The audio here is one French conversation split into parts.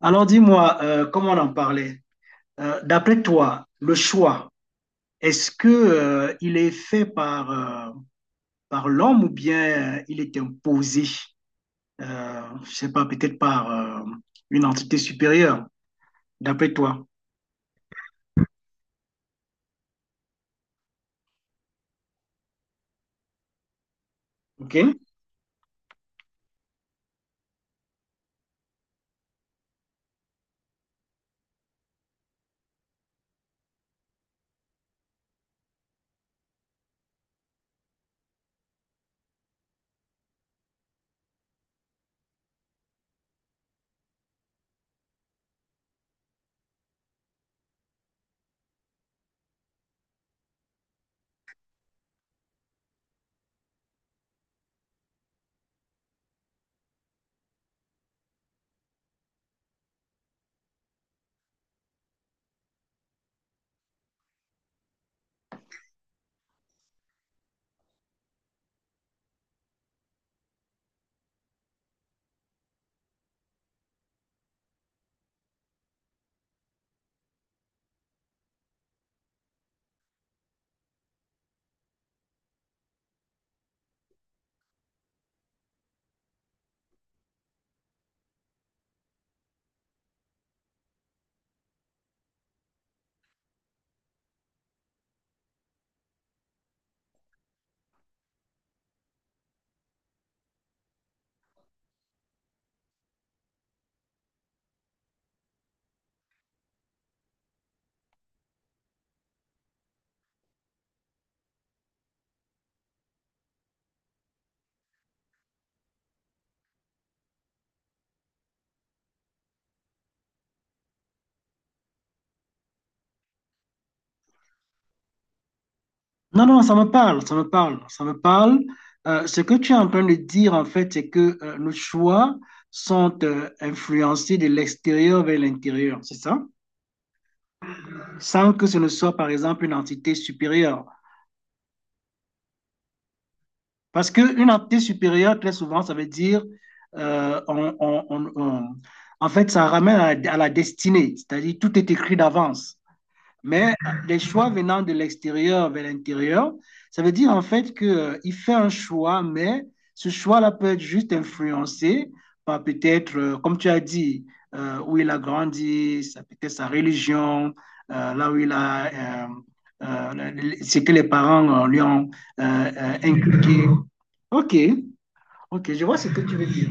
Alors dis-moi, comme on en parlait, d'après toi, le choix, est-ce que il est fait par l'homme ou bien il est imposé, je sais pas, peut-être par une entité supérieure, d'après toi, ok? Non, non, ça me parle, ça me parle, ça me parle. Ce que tu es en train de dire, en fait, c'est que nos choix sont influencés de l'extérieur vers l'intérieur, c'est ça? Sans que ce ne soit, par exemple, une entité supérieure. Parce qu'une entité supérieure, très souvent, ça veut dire, euh, on- on- on- on- en fait, ça ramène à la destinée, c'est-à-dire tout est écrit d'avance. Mais les choix venant de l'extérieur vers l'intérieur, ça veut dire en fait qu'il fait un choix, mais ce choix-là peut être juste influencé par peut-être, comme tu as dit, où il a grandi, ça peut être sa religion, là où il a, ce que les parents lui ont inculqué. Ok, ok, je vois ce que tu veux dire.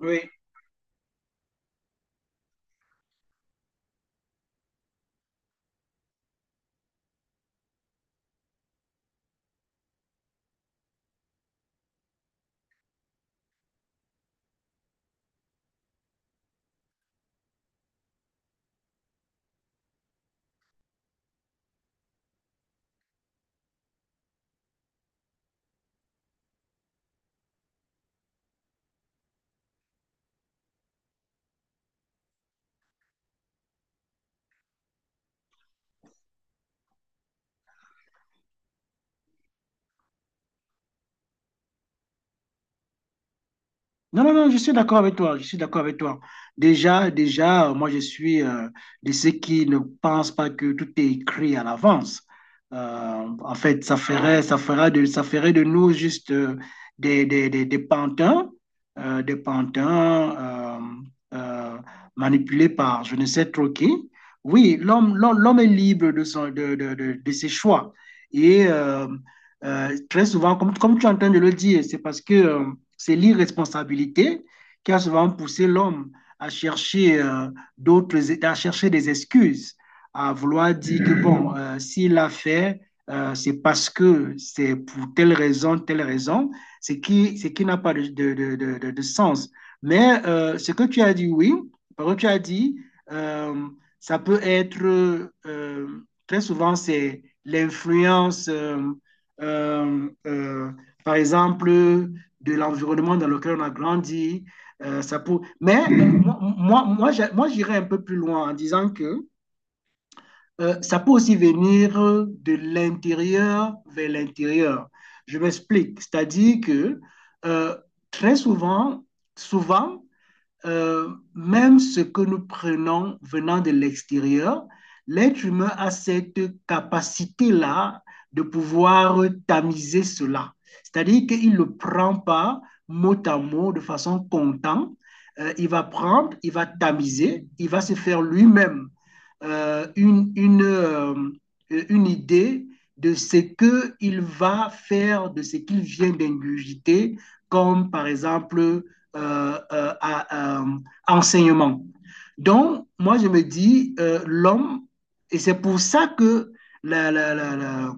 Oui. Non, non, non, je suis d'accord avec toi, je suis d'accord avec toi. Déjà, déjà, moi, je suis de ceux qui ne pensent pas que tout est écrit à l'avance. En fait, ça ferait de nous juste des pantins, euh, des pantins euh, euh, manipulés par je ne sais trop qui. Oui, l'homme est libre de, son, de ses choix. Et très souvent, comme tu es en train de le dire, c'est parce que c'est l'irresponsabilité qui a souvent poussé l'homme à chercher à chercher des excuses, à vouloir dire que bon, s'il a fait, c'est parce que c'est pour telle raison, ce qui n'a pas de sens. Mais ce que tu as dit, oui, par contre, tu as dit, euh, ça peut être, euh, très souvent, c'est l'influence, euh, euh, par exemple, de l'environnement dans lequel on a grandi. Mais j'irais un peu plus loin en disant que ça peut aussi venir de l'intérieur vers l'intérieur. Je m'explique. C'est-à-dire que euh, très souvent, même ce que nous prenons venant de l'extérieur, l'être humain a cette capacité-là de pouvoir tamiser cela. C'est-à-dire qu'il ne le prend pas mot à mot de façon content. Il va prendre, il va tamiser, il va se faire lui-même euh, une, une, euh, une idée de ce qu'il va faire, de ce qu'il vient d'ingurgiter, comme par exemple euh, euh, à, euh, enseignement. Donc, moi, je me dis, l'homme, et c'est pour ça que la, la, la, la,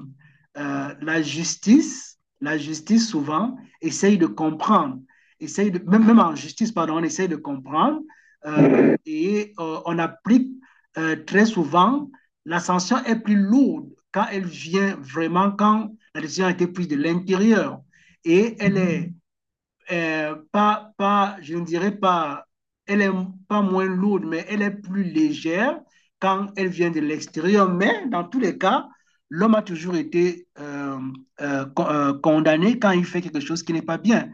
la justice souvent, essaye de comprendre, essaye de, même en justice, pardon, on essaye de comprendre et on applique très souvent, la sanction est plus lourde quand elle vient vraiment, quand la décision a été prise de l'intérieur et elle est pas, pas, je ne dirais pas, elle est pas moins lourde, mais elle est plus légère quand elle vient de l'extérieur. Mais dans tous les cas, l'homme a toujours été condamné quand il fait quelque chose qui n'est pas bien.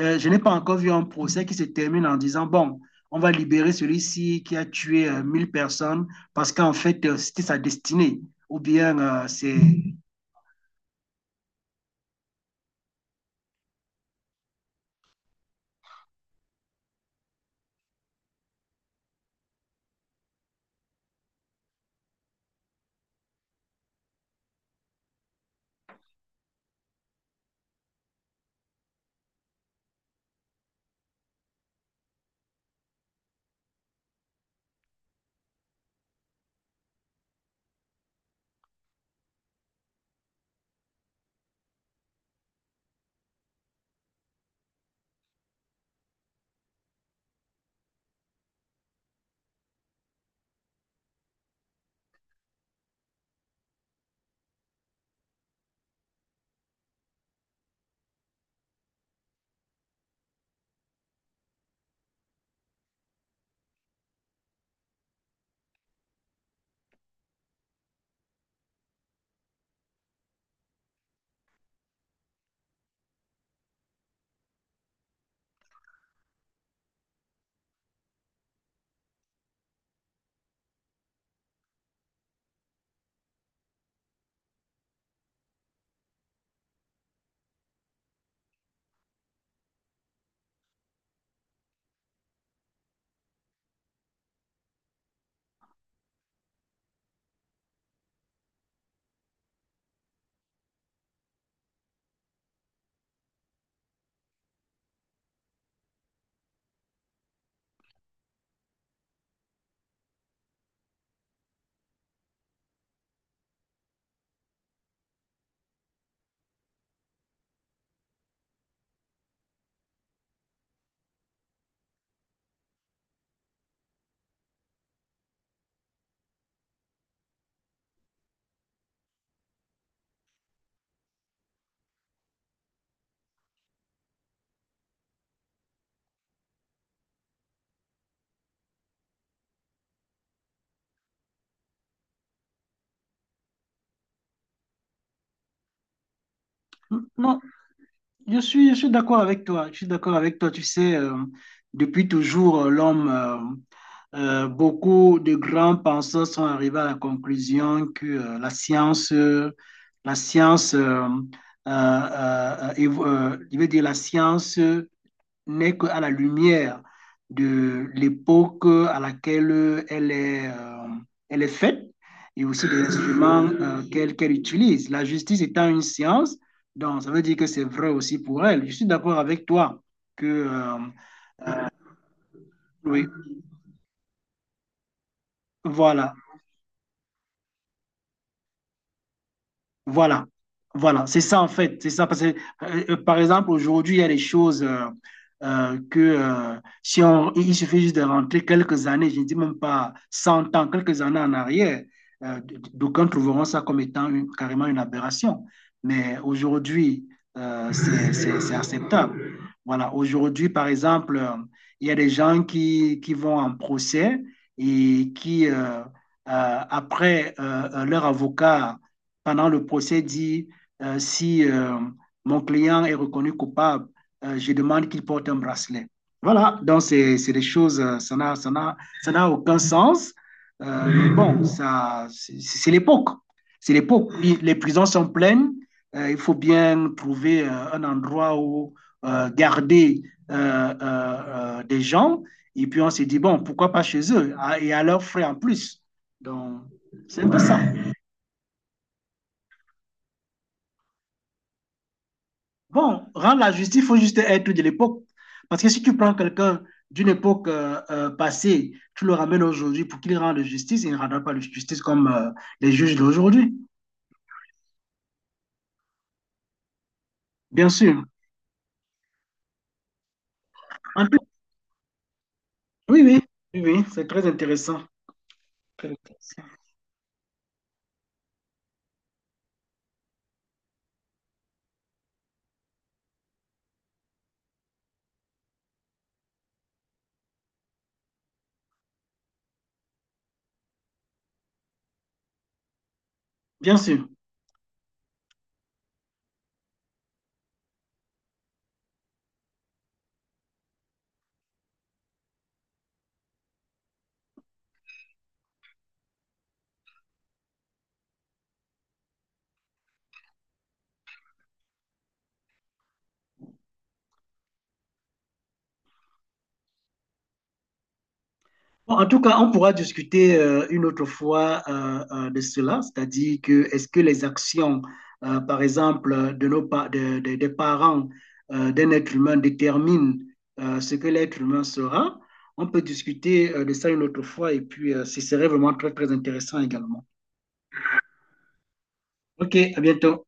Je n'ai pas encore vu un procès qui se termine en disant, bon, on va libérer celui-ci qui a tué 1000 personnes parce qu'en fait, c'était sa destinée. Ou bien. Non, je suis d'accord avec toi. Je suis d'accord avec toi. Tu sais, depuis toujours, l'homme, beaucoup de grands penseurs sont arrivés à la conclusion que la science, euh, je veux dire la science n'est qu'à la lumière de l'époque à laquelle elle est faite et aussi des instruments qu'elle utilise. La justice étant une science, donc ça veut dire que c'est vrai aussi pour elle. Je suis d'accord avec toi que, oui, voilà. Voilà, voilà, c'est ça en fait, c'est ça parce que par exemple aujourd'hui il y a des choses que si on, il suffit juste de rentrer quelques années, je ne dis même pas 100 ans, quelques années en arrière, d'aucuns trouveront ça comme étant carrément une aberration. Mais aujourd'hui, c'est acceptable. Voilà, aujourd'hui par exemple, il y a des gens qui vont en procès et qui après leur avocat pendant le procès dit si mon client est reconnu coupable, je demande qu'il porte un bracelet. Voilà, donc c'est des choses, ça n'a aucun sens. Mais bon, ça, c'est l'époque. C'est l'époque. Oui, les prisons sont pleines. Il faut bien trouver un endroit où garder des gens. Et puis on s'est dit, bon, pourquoi pas chez eux, ah, et à leurs frais en plus. Donc, c'est un peu ça. Bon, rendre la justice, il faut juste être de l'époque. Parce que si tu prends quelqu'un d'une époque passée, tu le ramènes aujourd'hui pour qu'il rende justice, il ne rendra pas la justice comme les juges d'aujourd'hui. Bien sûr. En plus- oui, oui, oui, oui, c'est très intéressant. Très intéressant. Bien sûr. Bon, en tout cas, on pourra discuter une autre fois de cela, c'est-à-dire que est-ce que les actions, par exemple, de des parents d'un être humain déterminent ce que l'être humain sera? On peut discuter de ça une autre fois et puis ce serait vraiment très, très intéressant également. OK, à bientôt.